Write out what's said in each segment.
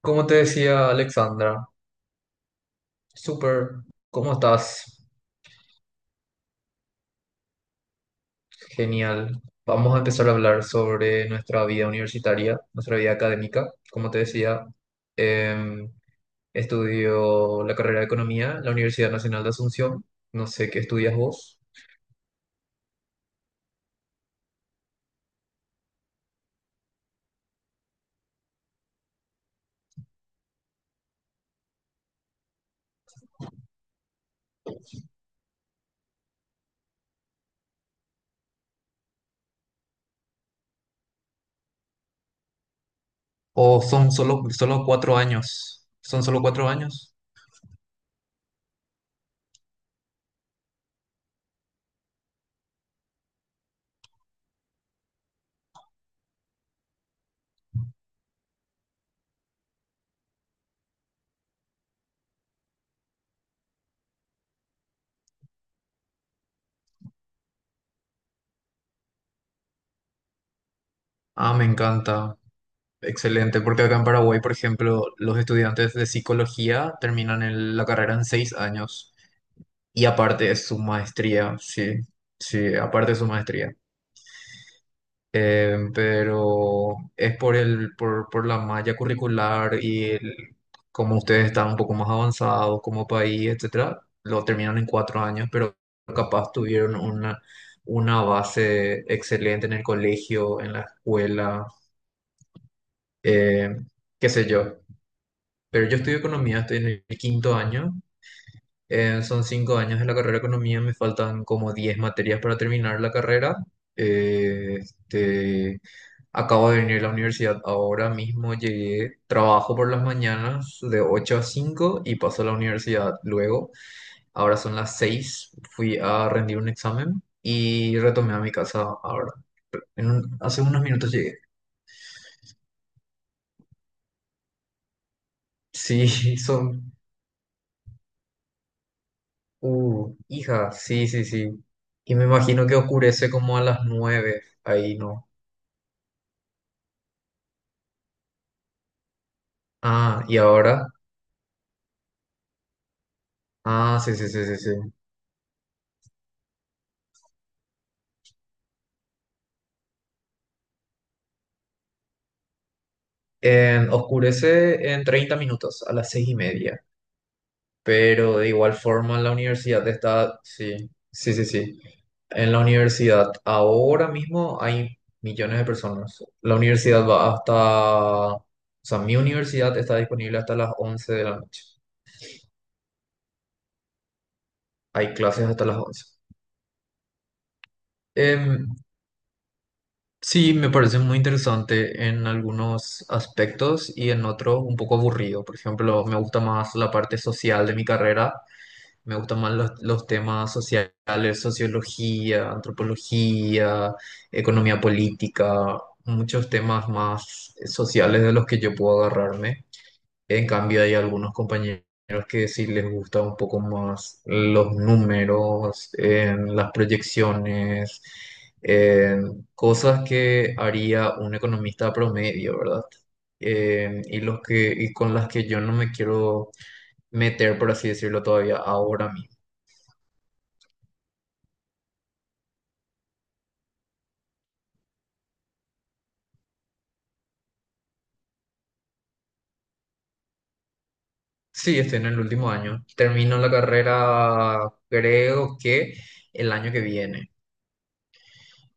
Como te decía Alexandra, súper, ¿cómo estás? Genial. Vamos a empezar a hablar sobre nuestra vida universitaria, nuestra vida académica. Como te decía, em, estudio la carrera de Economía en la Universidad Nacional de Asunción. No sé qué estudias vos. ¿O son solo 4 años? ¿Son solo 4 años? Ah, me encanta. Excelente, porque acá en Paraguay, por ejemplo, los estudiantes de psicología terminan la carrera en 6 años. Y aparte de su maestría, sí, sí, aparte de su maestría. Pero es por la malla curricular y como ustedes están un poco más avanzados como país, etcétera, lo terminan en 4 años, pero capaz tuvieron una base excelente en el colegio, en la escuela, eh, qué sé yo. Pero yo estudio economía, estoy en el quinto año. Son 5 años de la carrera de economía, me faltan como 10 materias para terminar la carrera. Este, acabo de venir a la universidad ahora mismo, llegué, trabajo por las mañanas de 8 a 5 y paso a la universidad luego. Ahora son las 6. Fui a rendir un examen y retomé a mi casa ahora. Hace unos minutos llegué. Sí, son. Hija, sí, sí, sí. Y me imagino que oscurece como a las 9 ahí, ¿no? Ah, y ahora. Ah, sí, sí, sí, sí, sí. Oscurece en 30 minutos, a las 6:30. Pero de igual forma en la universidad está. Sí, sí, sí, sí. En la universidad ahora mismo hay millones de personas. La universidad va hasta. O sea, mi universidad está disponible hasta las 11 de la noche. Hay clases hasta las 11. Em, Sí, me parece muy interesante en algunos aspectos y en otros un poco aburrido. Por ejemplo, me gusta más la parte social de mi carrera, me gustan más los temas sociales, sociología, antropología, economía política, muchos temas más sociales de los que yo puedo agarrarme. En cambio, hay algunos compañeros que sí les gusta un poco más los números, en las proyecciones, en cosas que haría un economista promedio, ¿verdad? Y los que, y con las que yo no me quiero meter, por así decirlo, todavía ahora mismo. Sí, estoy en el último año. Termino la carrera, creo que el año que viene.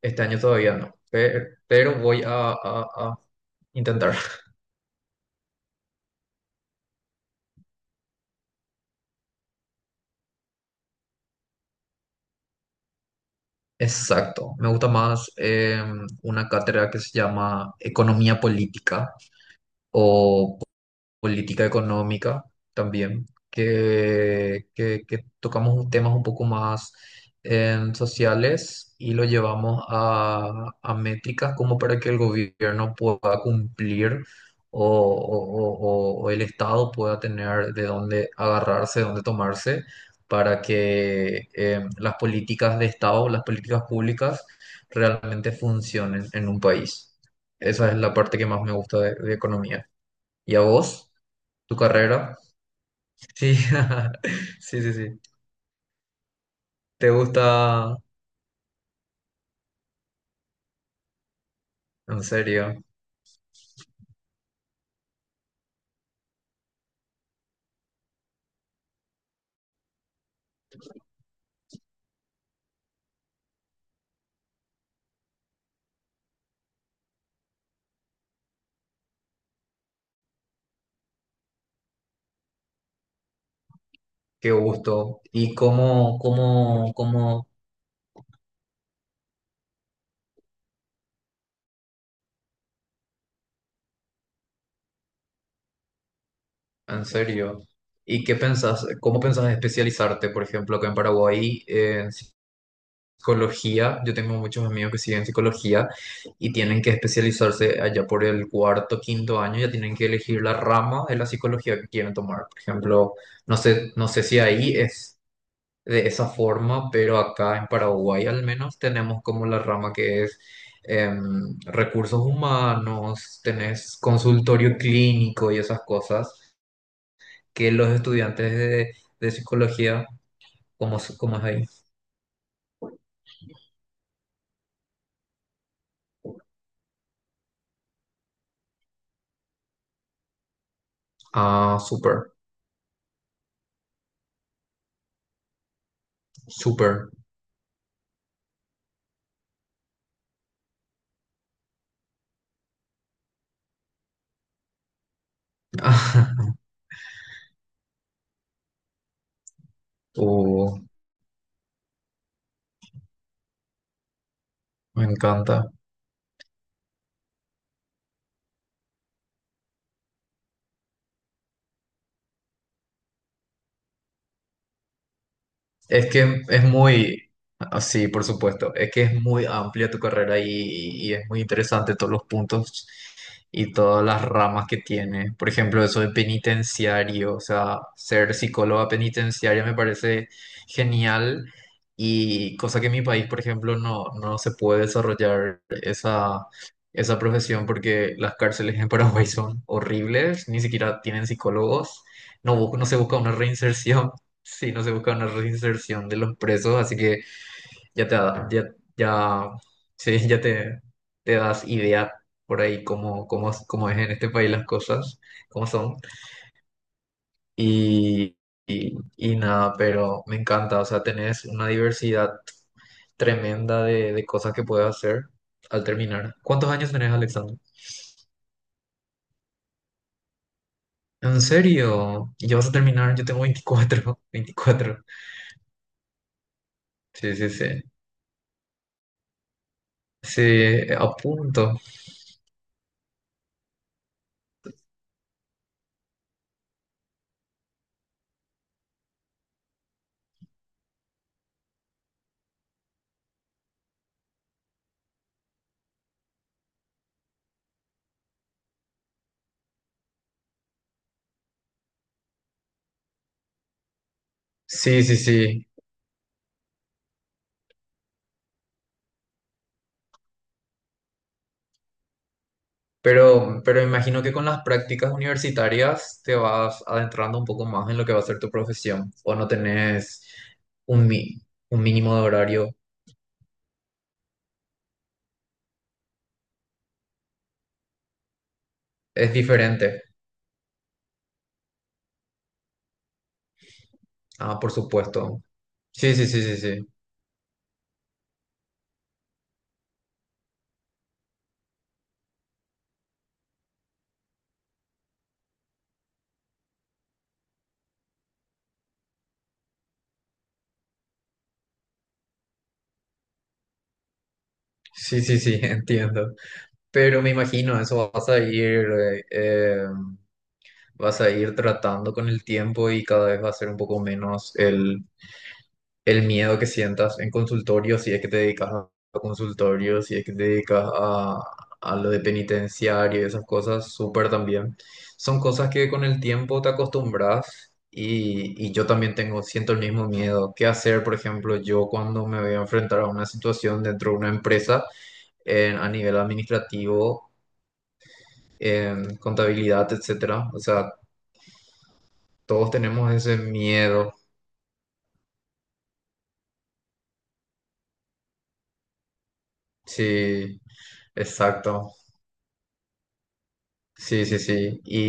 Este año todavía no, pero voy a intentar. Exacto. Me gusta más una cátedra que se llama Economía Política o política económica también, que tocamos temas un poco más sociales y lo llevamos a métricas como para que el gobierno pueda cumplir o, o- o el Estado pueda tener de dónde agarrarse, de dónde tomarse, para que las políticas de Estado, las políticas públicas realmente funcionen en un país. Esa es la parte que más me gusta de economía. ¿Y a vos? ¿Tu carrera? Sí, sí, sí, sí. ¿Te gusta? ¿En serio, qué gusto? ¿Y cómo, en serio? ¿Y qué pensás, cómo pensás especializarte? Por ejemplo, acá en Paraguay, en psicología, yo tengo muchos amigos que siguen psicología y tienen que especializarse allá por el cuarto, quinto año, ya tienen que elegir la rama de la psicología que quieren tomar. Por ejemplo, no sé si ahí es de esa forma, pero acá en Paraguay al menos tenemos como la rama que es recursos humanos, tenés consultorio clínico y esas cosas que los estudiantes de psicología. ¿Cómo, cómo es ahí? Ah, súper, súper. Uh, Me encanta. Es que es muy, ah, sí, por supuesto, es que es muy amplia tu carrera y es muy interesante todos los puntos y todas las ramas que tiene. Por ejemplo, eso de penitenciario, o sea, ser psicóloga penitenciaria me parece genial, y cosa que en mi país, por ejemplo, no, no se puede desarrollar esa profesión porque las cárceles en Paraguay son horribles, ni siquiera tienen psicólogos. No, no se busca una reinserción. Sí, no se busca una reinserción de los presos, así que ya te da, ya, ya, sí, ya te das idea por ahí cómo es en este país las cosas, cómo son. Y, y nada, pero me encanta, o sea, tenés una diversidad tremenda de cosas que puedes hacer al terminar. ¿Cuántos años tenés, Alexander? ¿En serio? ¿Y ya vas a terminar? Yo tengo 24 24. Sí, sí, sí. Sí, a punto. Sí, sí, sí. Pero imagino que con las prácticas universitarias te vas adentrando un poco más en lo que va a ser tu profesión, o no tenés un, mi- un mínimo de horario. Es diferente. Ah, por supuesto. Sí, sí, sí, sí, sí. Sí, sí, sí, entiendo. Pero me imagino, eso vas a ir tratando con el tiempo y cada vez va a ser un poco menos el miedo que sientas en consultorio, si es que te dedicas a consultorio, si es que te dedicas a lo de penitenciario y esas cosas, súper también. Son cosas que con el tiempo te acostumbras, y yo también tengo, siento el mismo miedo. ¿Qué hacer, por ejemplo, yo cuando me voy a enfrentar a una situación dentro de una empresa a nivel administrativo, en contabilidad, etcétera? O sea, todos tenemos ese miedo. Sí, exacto. Sí, sí, sí. Y,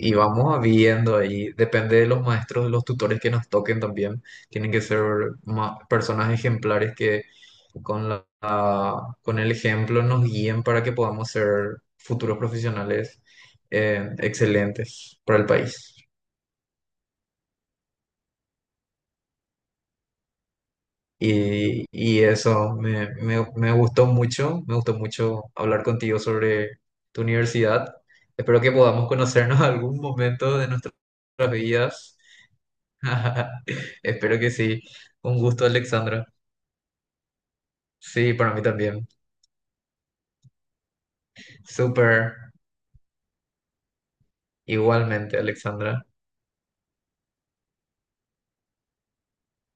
y, y vamos viendo ahí. Depende de los maestros, de los tutores que nos toquen también. Tienen que ser personas ejemplares que con con el ejemplo nos guíen para que podamos ser futuros profesionales, excelentes para el país. Y eso me gustó mucho. Me gustó mucho hablar contigo sobre tu universidad. Espero que podamos conocernos algún momento de nuestras vidas. Espero que sí. Un gusto, Alexandra. Sí, para mí también. Súper. Igualmente, Alexandra.